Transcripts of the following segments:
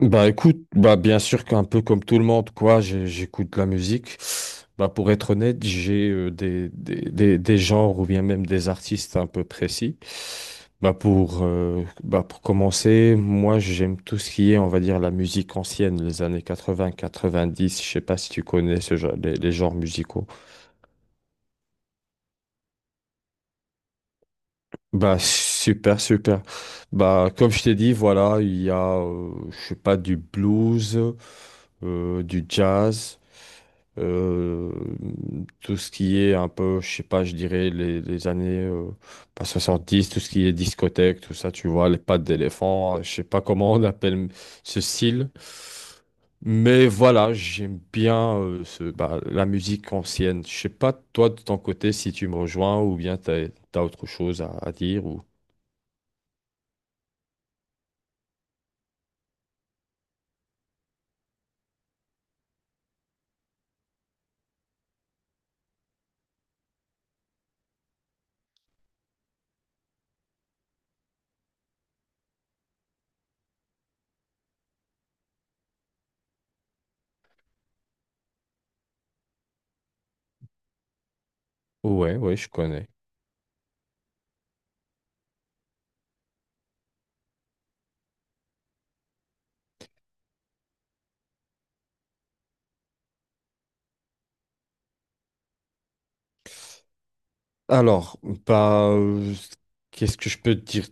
Bah écoute, bah bien sûr qu'un peu comme tout le monde, quoi, j'écoute de la musique. Bah pour être honnête, j'ai des genres ou bien même des artistes un peu précis. Bah pour commencer, moi j'aime tout ce qui est, on va dire, la musique ancienne, les années 80, 90, je sais pas si tu connais ce genre, les genres musicaux. Bah super, super. Bah comme je t'ai dit, voilà, il y a, je sais pas, du blues. Du jazz, euh, tout ce qui est un peu, je sais pas, je dirais les années pas dix, tout ce qui est discothèque, tout ça, tu vois, les pattes d'éléphant, je sais pas comment on appelle ce style. Mais voilà, j'aime bien bah, la musique ancienne. Je sais pas, toi, de ton côté, si tu me rejoins ou bien t'as autre chose à dire ou. Ouais, ouais, je connais. Alors, bah, qu'est-ce que je peux te dire?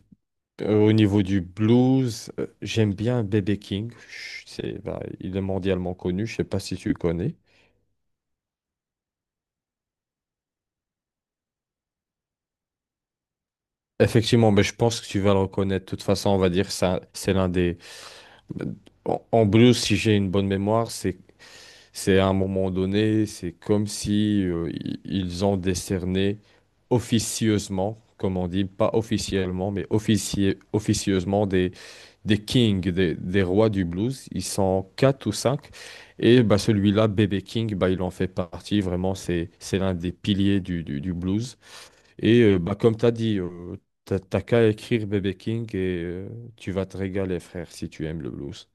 Au niveau du blues, j'aime bien B.B. King. C'est, bah, il est mondialement connu. Je sais pas si tu le connais. Effectivement, mais je pense que tu vas le reconnaître. De toute façon, on va dire ça, c'est l'un des. En blues, si j'ai une bonne mémoire, C'est à un moment donné, c'est comme si ils ont décerné officieusement, comme on dit, pas officiellement, mais officieusement des kings, des rois du blues. Ils sont quatre ou cinq. Et bah, celui-là, B.B. King, bah, il en fait partie. Vraiment, c'est l'un des piliers du blues. Et bah, comme tu as dit, t'as qu'à écrire B.B. King et tu vas te régaler, frère, si tu aimes le blues.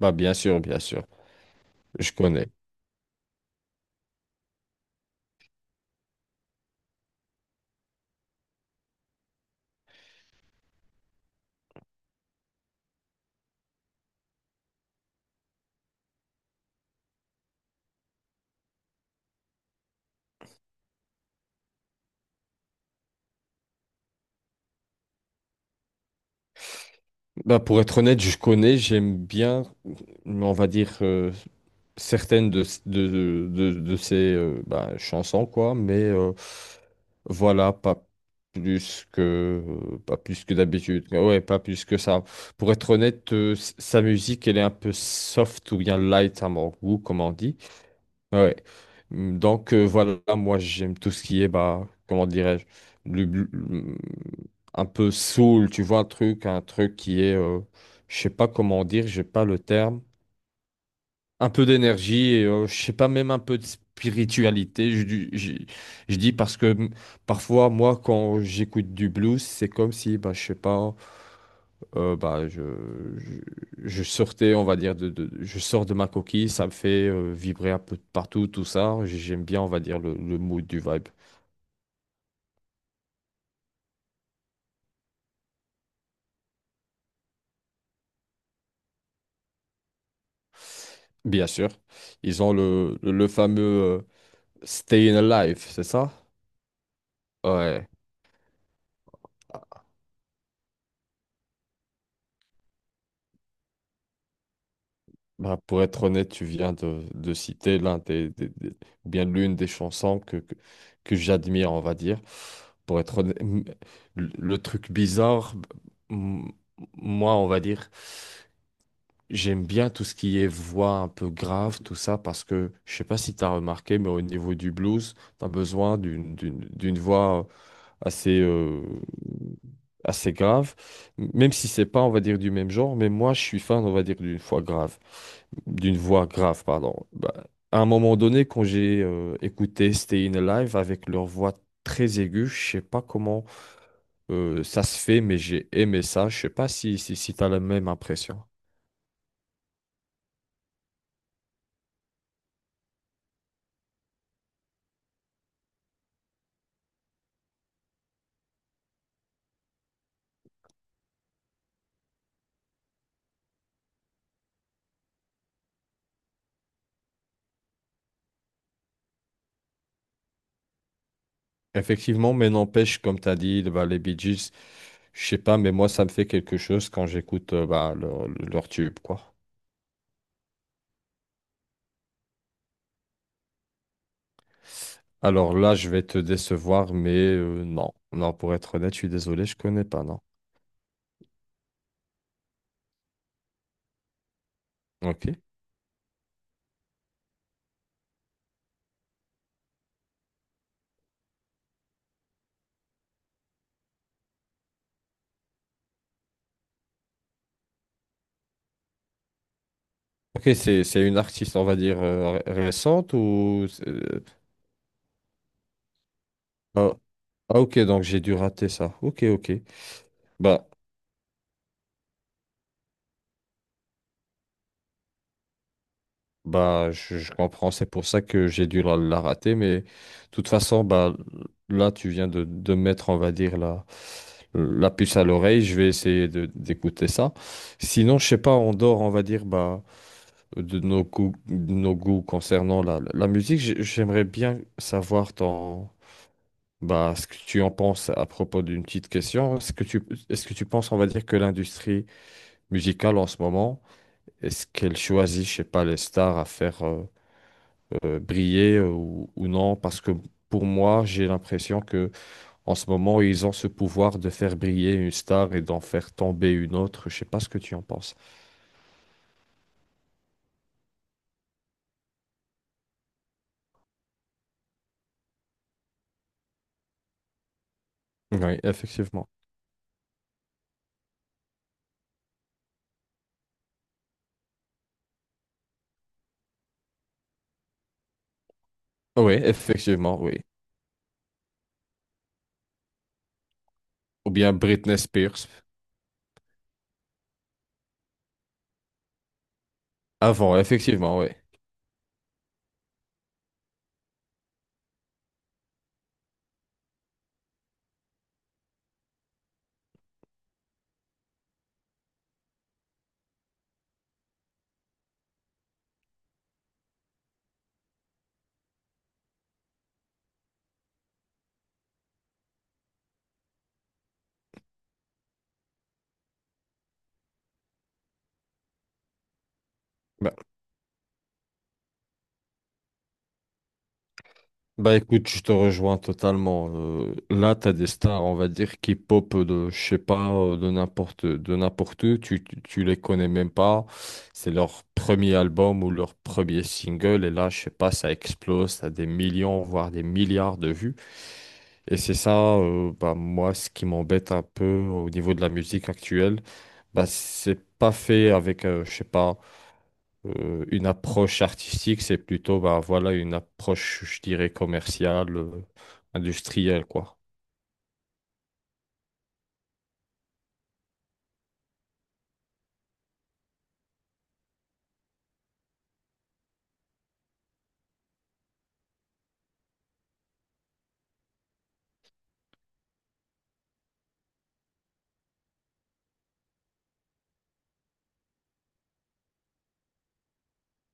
Bah, bien sûr, je connais. Bah, pour être honnête, je connais, j'aime bien, on va dire, certaines de ces bah, chansons, quoi, mais voilà, plus que, pas plus que d'habitude. Ouais, pas plus que ça. Pour être honnête, sa musique, elle est un peu soft ou bien light à mon goût, comme on dit. Ouais. Donc voilà, moi j'aime tout ce qui est, bah, comment dirais-je, le- le- le- un peu soul, tu vois, un truc qui est, je sais pas comment dire, j'ai pas le terme, un peu d'énergie et je sais pas, même un peu de spiritualité, je dis parce que parfois, moi, quand j'écoute du blues, c'est comme si, bah, je sais pas, bah, je, je sortais, on va dire, je sors de ma coquille, ça me fait vibrer un peu de partout, tout ça. J'aime bien, on va dire, le mood du vibe. Bien sûr. Ils ont le fameux Staying Alive, c'est ça? Ouais. Bah, pour être honnête, tu viens de citer l'un des, ou bien l'une des chansons que j'admire, on va dire. Pour être honnête, le truc bizarre, m- moi, on va dire. J'aime bien tout ce qui est voix un peu grave, tout ça, parce que je sais pas si tu as remarqué, mais au niveau du blues, tu as besoin d'une voix assez assez grave, même si c'est pas, on va dire, du même genre. Mais moi, je suis fan, on va dire, d'une voix grave, pardon. Bah, à un moment donné, quand j'ai écouté Stayin' Alive avec leur voix très aiguë, je sais pas comment ça se fait, mais j'ai aimé ça. Je sais pas si tu as la même impression. Effectivement, mais n'empêche, comme tu as dit, bah, les Bee Gees, je sais pas, mais moi, ça me fait quelque chose quand j'écoute bah, leur tube, quoi. Alors là, je vais te décevoir, mais non. Non, pour être honnête, je suis désolé, je connais pas, non. Ok. Ok, c'est une artiste, on va dire, récente ou. Ah, ah, ok, donc j'ai dû rater ça. Ok, ok. Bah, Bah, je comprends, c'est pour ça que j'ai dû la rater, mais de toute façon, bah, là, tu viens de mettre, on va dire, la puce à l'oreille, je vais essayer d'écouter ça. Sinon, je sais pas, en dehors, on va dire, bah, de nos goûts concernant la musique, j'aimerais bien savoir ton, bah, ce que tu en penses à propos d'une petite question. Est-ce que tu penses, on va dire, que l'industrie musicale en ce moment, est-ce qu'elle choisit, je sais pas, les stars à faire briller ou, non, parce que pour moi, j'ai l'impression que en ce moment, ils ont ce pouvoir de faire briller une star et d'en faire tomber une autre. Je sais pas ce que tu en penses. Oui, effectivement. Oui, effectivement, oui. Ou bien Britney Spears. Avant, effectivement, oui. Bah écoute, je te rejoins totalement. Là, tu as des stars, on va dire, qui pop de, je sais pas, de n'importe où. Tu les connais même pas. C'est leur premier album ou leur premier single. Et là, je sais pas, ça explose. T'as des millions, voire des milliards de vues. Et c'est ça, bah, moi, ce qui m'embête un peu au niveau de la musique actuelle. Bah, c'est pas fait avec, je sais pas. Une approche artistique, c'est plutôt bah, voilà, une approche, je dirais, commerciale, industrielle, quoi.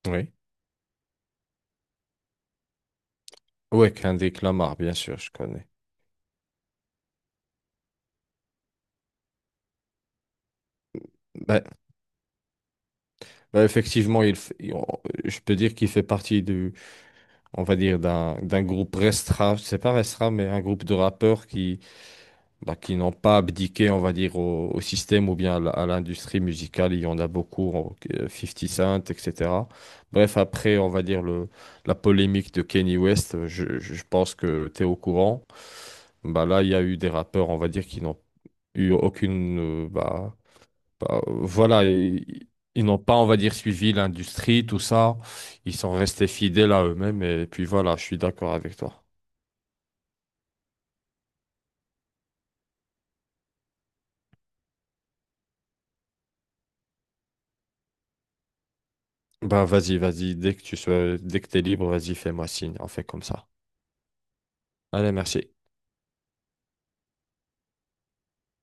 Oui. Ouais, Kendrick Lamar, bien sûr, je connais. Bah, bah, effectivement, il, f- il- on- je peux dire qu'il fait partie du, on va dire, d'un groupe restreint, c'est pas restreint, mais un groupe de rappeurs qui, bah, qui n'ont pas abdiqué, on va dire, au système ou bien à l'industrie musicale. Il y en a beaucoup, 50 Cent, etc. Bref, après, on va dire, la polémique de Kanye West, je pense que tu es au courant. Bah, là, il y a eu des rappeurs, on va dire, qui n'ont eu aucune. Euh, bah, bah, voilà, ils n'ont pas, on va dire, suivi l'industrie, tout ça. Ils sont restés fidèles à eux-mêmes. Et puis voilà, je suis d'accord avec toi. Bah, vas-y, vas-y. Dès que t'es libre, vas-y, fais-moi signe. On fait comme ça. Allez, merci.